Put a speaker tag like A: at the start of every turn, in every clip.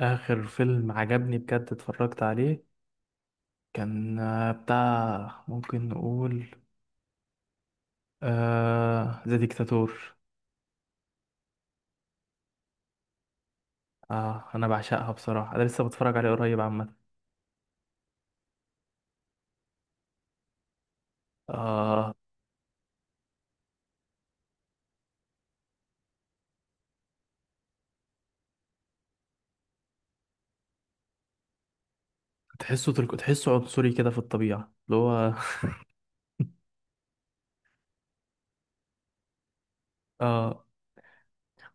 A: آخر فيلم عجبني بجد اتفرجت عليه كان بتاع ممكن نقول آه ذا ديكتاتور. آه، أنا بعشقها بصراحة، أنا لسه بتفرج عليه قريب عامة. آه، تحسه تحسه عنصري كده في الطبيعة اللي هو آه.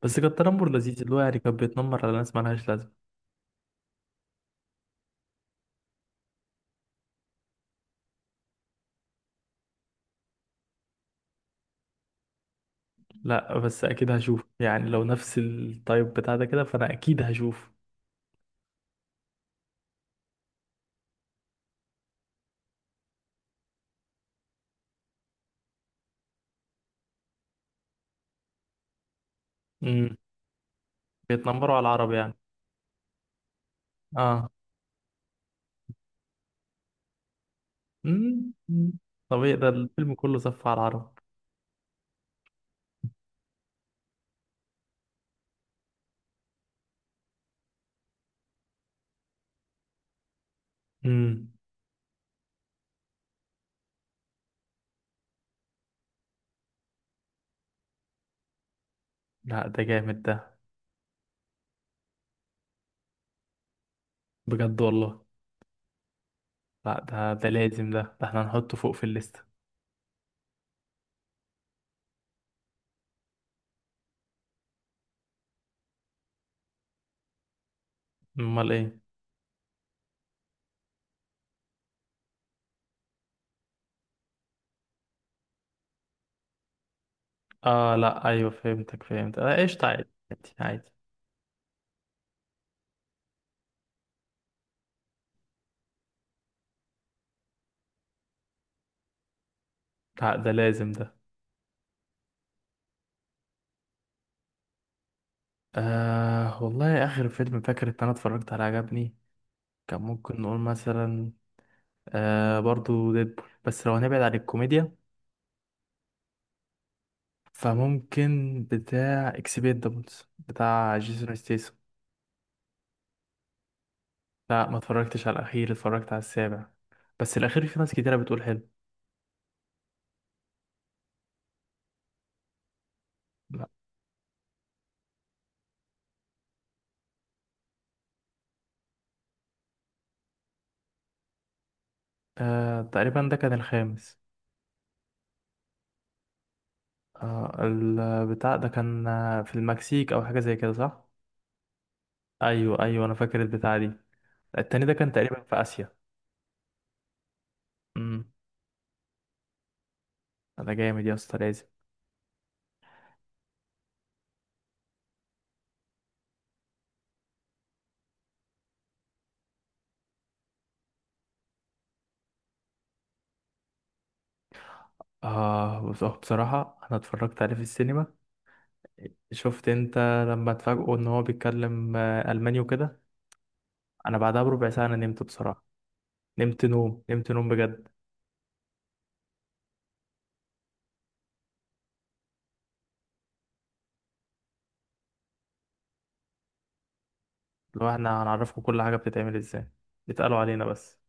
A: بس كان تنمر لذيذ، اللي هو يعني كان بيتنمر على ناس مالهاش لازمة. لا، بس أكيد هشوف، يعني لو نفس التايب بتاع ده كده فأنا أكيد هشوف. مم. بيتنمروا على العرب يعني. اه. مم. مم. طبيعي، ده الفيلم كله صف على العرب. امم. لا، ده جامد ده. بجد والله. لا، ده ده لازم، ده ده احنا هنحطه فوق في الليستة. امال ايه؟ اه، لا، ايوه، فهمتك، فهمت، آه، قشطة، عادي. عادي. لا، ده لازم ده. آه والله، اخر فيلم فاكر ان انا اتفرجت عليه عجبني كان ممكن نقول مثلا آه، برضو ديدبول، بس لو هنبعد عن الكوميديا فممكن بتاع اكسبيندابلز بتاع جيسون ستيسون. لا، ما اتفرجتش على الاخير، اتفرجت على السابع، بس الاخير في ناس كتيرة بتقول حلو. آه، تقريبا ده كان الخامس. آه، البتاع ده كان في المكسيك او حاجه زي كده، صح؟ ايوه ايوه، انا فاكر البتاع دي. التاني ده كان تقريبا في اسيا. امم. انا جامد يا اسطى، لازم. اه، بص، بصراحه انا اتفرجت عليه في السينما. شفت انت لما اتفاجئوا ان هو بيتكلم الماني وكده. انا بعدها بربع ساعه انا نمت بصراحه. نمت نوم بجد. لو احنا هنعرفكم كل حاجه بتتعمل ازاي اتقالوا علينا بس.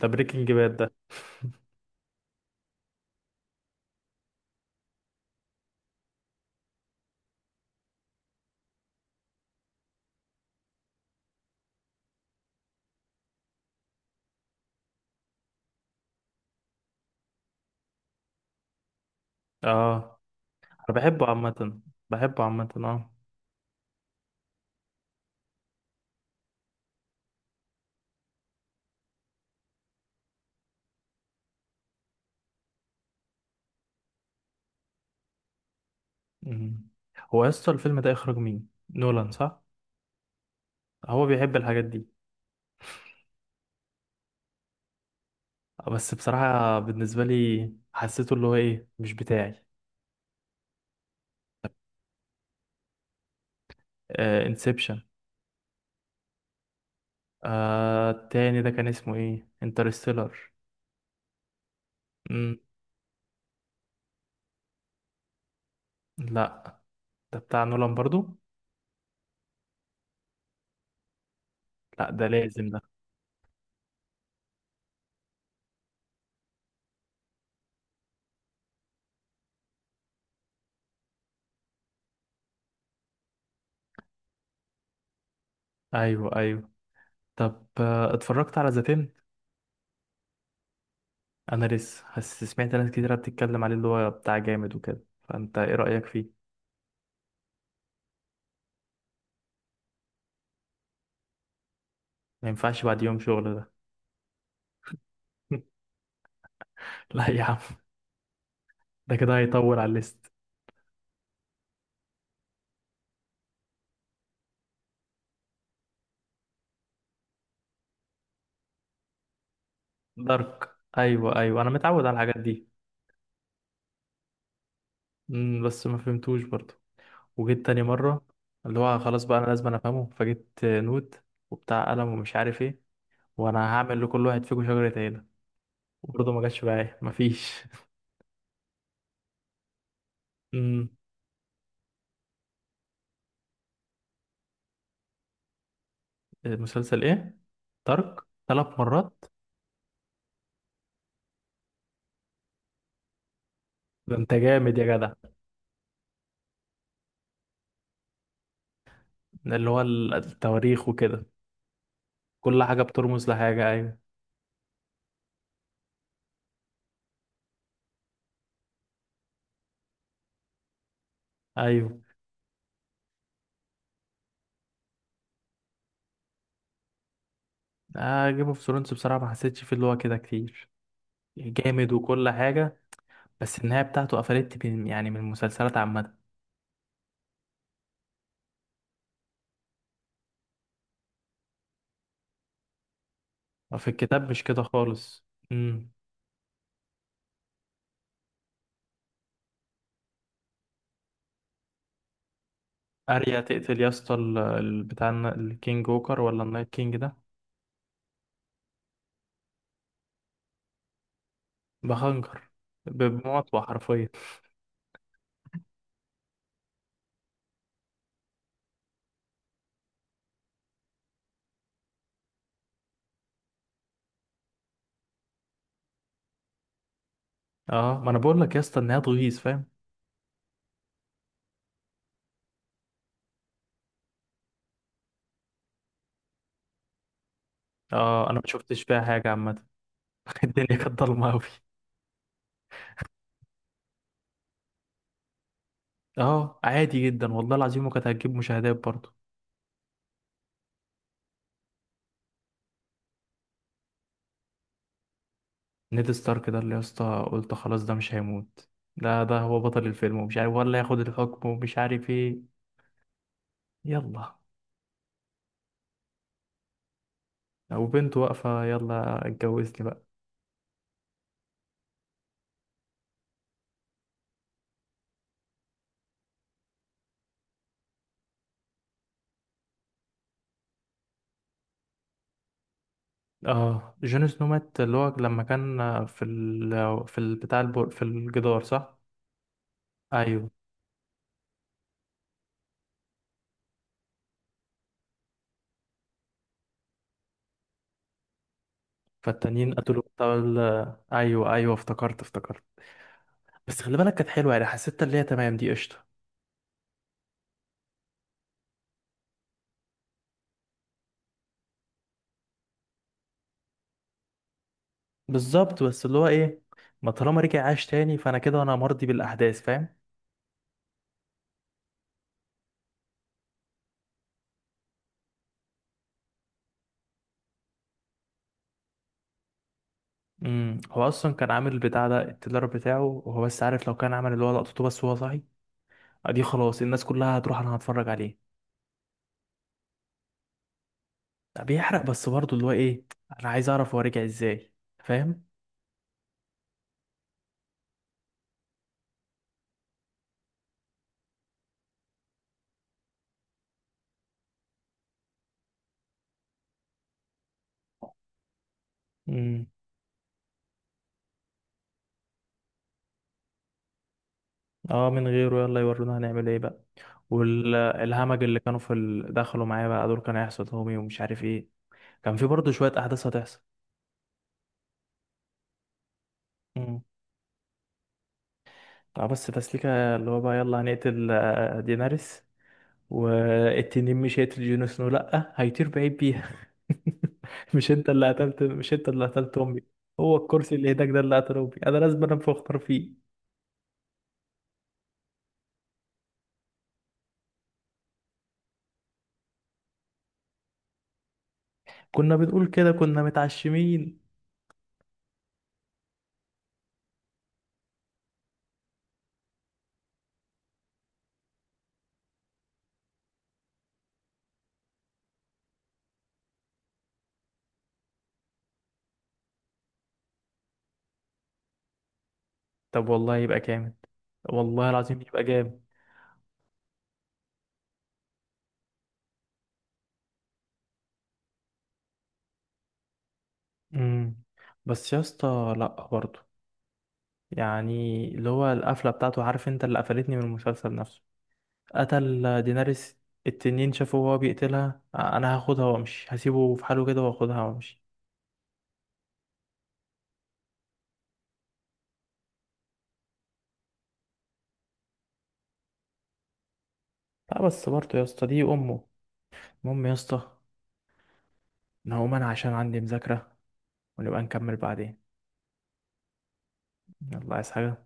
A: ده بريكنج باد ده. اه. انا بحبه عامة. بحبه عامة اه. مم. هو يا اسطى الفيلم ده اخراج مين، نولان صح؟ هو بيحب الحاجات دي. بس بصراحة بالنسبة لي حسيته اللي هو ايه، مش بتاعي. آه، انسبشن. آه، التاني ده كان اسمه ايه، انترستيلر. مم. لا. ده بتاع نولان برضو. لا، ده لازم ده. ايوه ايوه. طب آه، اتفرجت على ذا تنت؟ انا لسه بس سمعت ناس كتيرة بتتكلم عليه اللي هو بتاع جامد وكده، فانت ايه رأيك فيه؟ ما ينفعش بعد يوم شغل ده. لا يا عم، ده كده هيطول على الليست. دارك. ايوه ايوه، انا متعود على الحاجات دي. امم، بس ما فهمتوش برضو، وجيت تاني مره. اللي هو خلاص بقى، انا لازم أنا افهمه، فجبت نوت وبتاع قلم ومش عارف ايه، وانا هعمل لكل واحد فيكم شجره عيله. وبرضه ما جاتش بقى، ايه، مفيش. امم. المسلسل ايه؟ دارك، ثلاث مرات؟ ده انت جامد يا جدع. اللي هو التواريخ وكده. كل حاجه بترمز لحاجه، ايوه ايوه. آه جيم اوف ثرونز بصراحه ما حسيتش فيه اللي هو كده كتير. جامد وكل حاجه، بس النهاية بتاعته قفلت يعني من المسلسلات عامة. في الكتاب مش كده خالص. امم. اريا تقتل يا اسطى بتاع الكينج ووكر، ولا النايت كينج ده؟ بخنجر. بمطوة حرفيا. اه، ما انا بقول لك يا اسطى النهاية تغيظ، فاهم؟ اه، انا ما شفتش فيها حاجة عامة. الدنيا كانت ضلمة قوي. اه، عادي جدا، والله العظيم، وكانت هتجيب مشاهدات برضه. نيد ستارك ده اللي يا اسطى قلت خلاص ده مش هيموت، لا ده هو بطل الفيلم، ومش عارف ولا ياخد الحكم ومش عارف ايه، يلا. وبنته واقفة، يلا اتجوزني بقى. اه جون سنو مات اللي هو لما كان في ال في في الجدار صح؟ ايوه. فالتانيين قتلوا بتاع ال... ايوه ايوه، افتكرت افتكرت. بس خلي بالك كانت حلوة، يعني حسيت اللي هي تمام دي، قشطة. بالظبط، بس اللي هو ايه، ما طالما رجع عاش تاني، فانا كده انا مرضي بالاحداث، فاهم؟ امم. هو اصلا كان عامل البتاع ده، التدرب بتاعه، وهو بس عارف لو كان عمل اللي هو لقطته بس وهو صاحي دي، خلاص الناس كلها هتروح، انا هتفرج عليه. لا، بيحرق، بس برضه اللي هو ايه، انا عايز اعرف هو رجع ازاي، فاهم؟ امم. اه، من غيره يلا يورونا هنعمل ايه بقى. والهمج اللي كانوا في ال... دخلوا معايا بقى، دول كانوا هيحصل همي ومش عارف ايه، كان في برضه شوية احداث هتحصل. امم. اه بس تسليكة اللي هو بقى يلا هنقتل دينارس، والتنين مش هيقتل جون سنو، لأ هيطير بعيد بيها. مش انت اللي قتلت، مش انت اللي قتلت امي؟ هو الكرسي اللي هناك ده اللي قتل امي، انا لازم انام في اختار فيه. كنا بنقول كده، كنا متعشمين. طب والله يبقى جامد، والله العظيم يبقى جامد. امم، بس يا اسطى لا برضه، يعني اللي هو القفله بتاعته، عارف انت اللي قفلتني من المسلسل نفسه، قتل ديناريس. التنين شافه وهو بيقتلها، انا هاخدها وامشي، هسيبه في حاله كده واخدها وامشي. لا بس برضه يا اسطى دي امه. المهم يا اسطى، انا هقوم انا عشان عندي مذاكره، ونبقى نكمل بعدين. يلا، عايز حاجه؟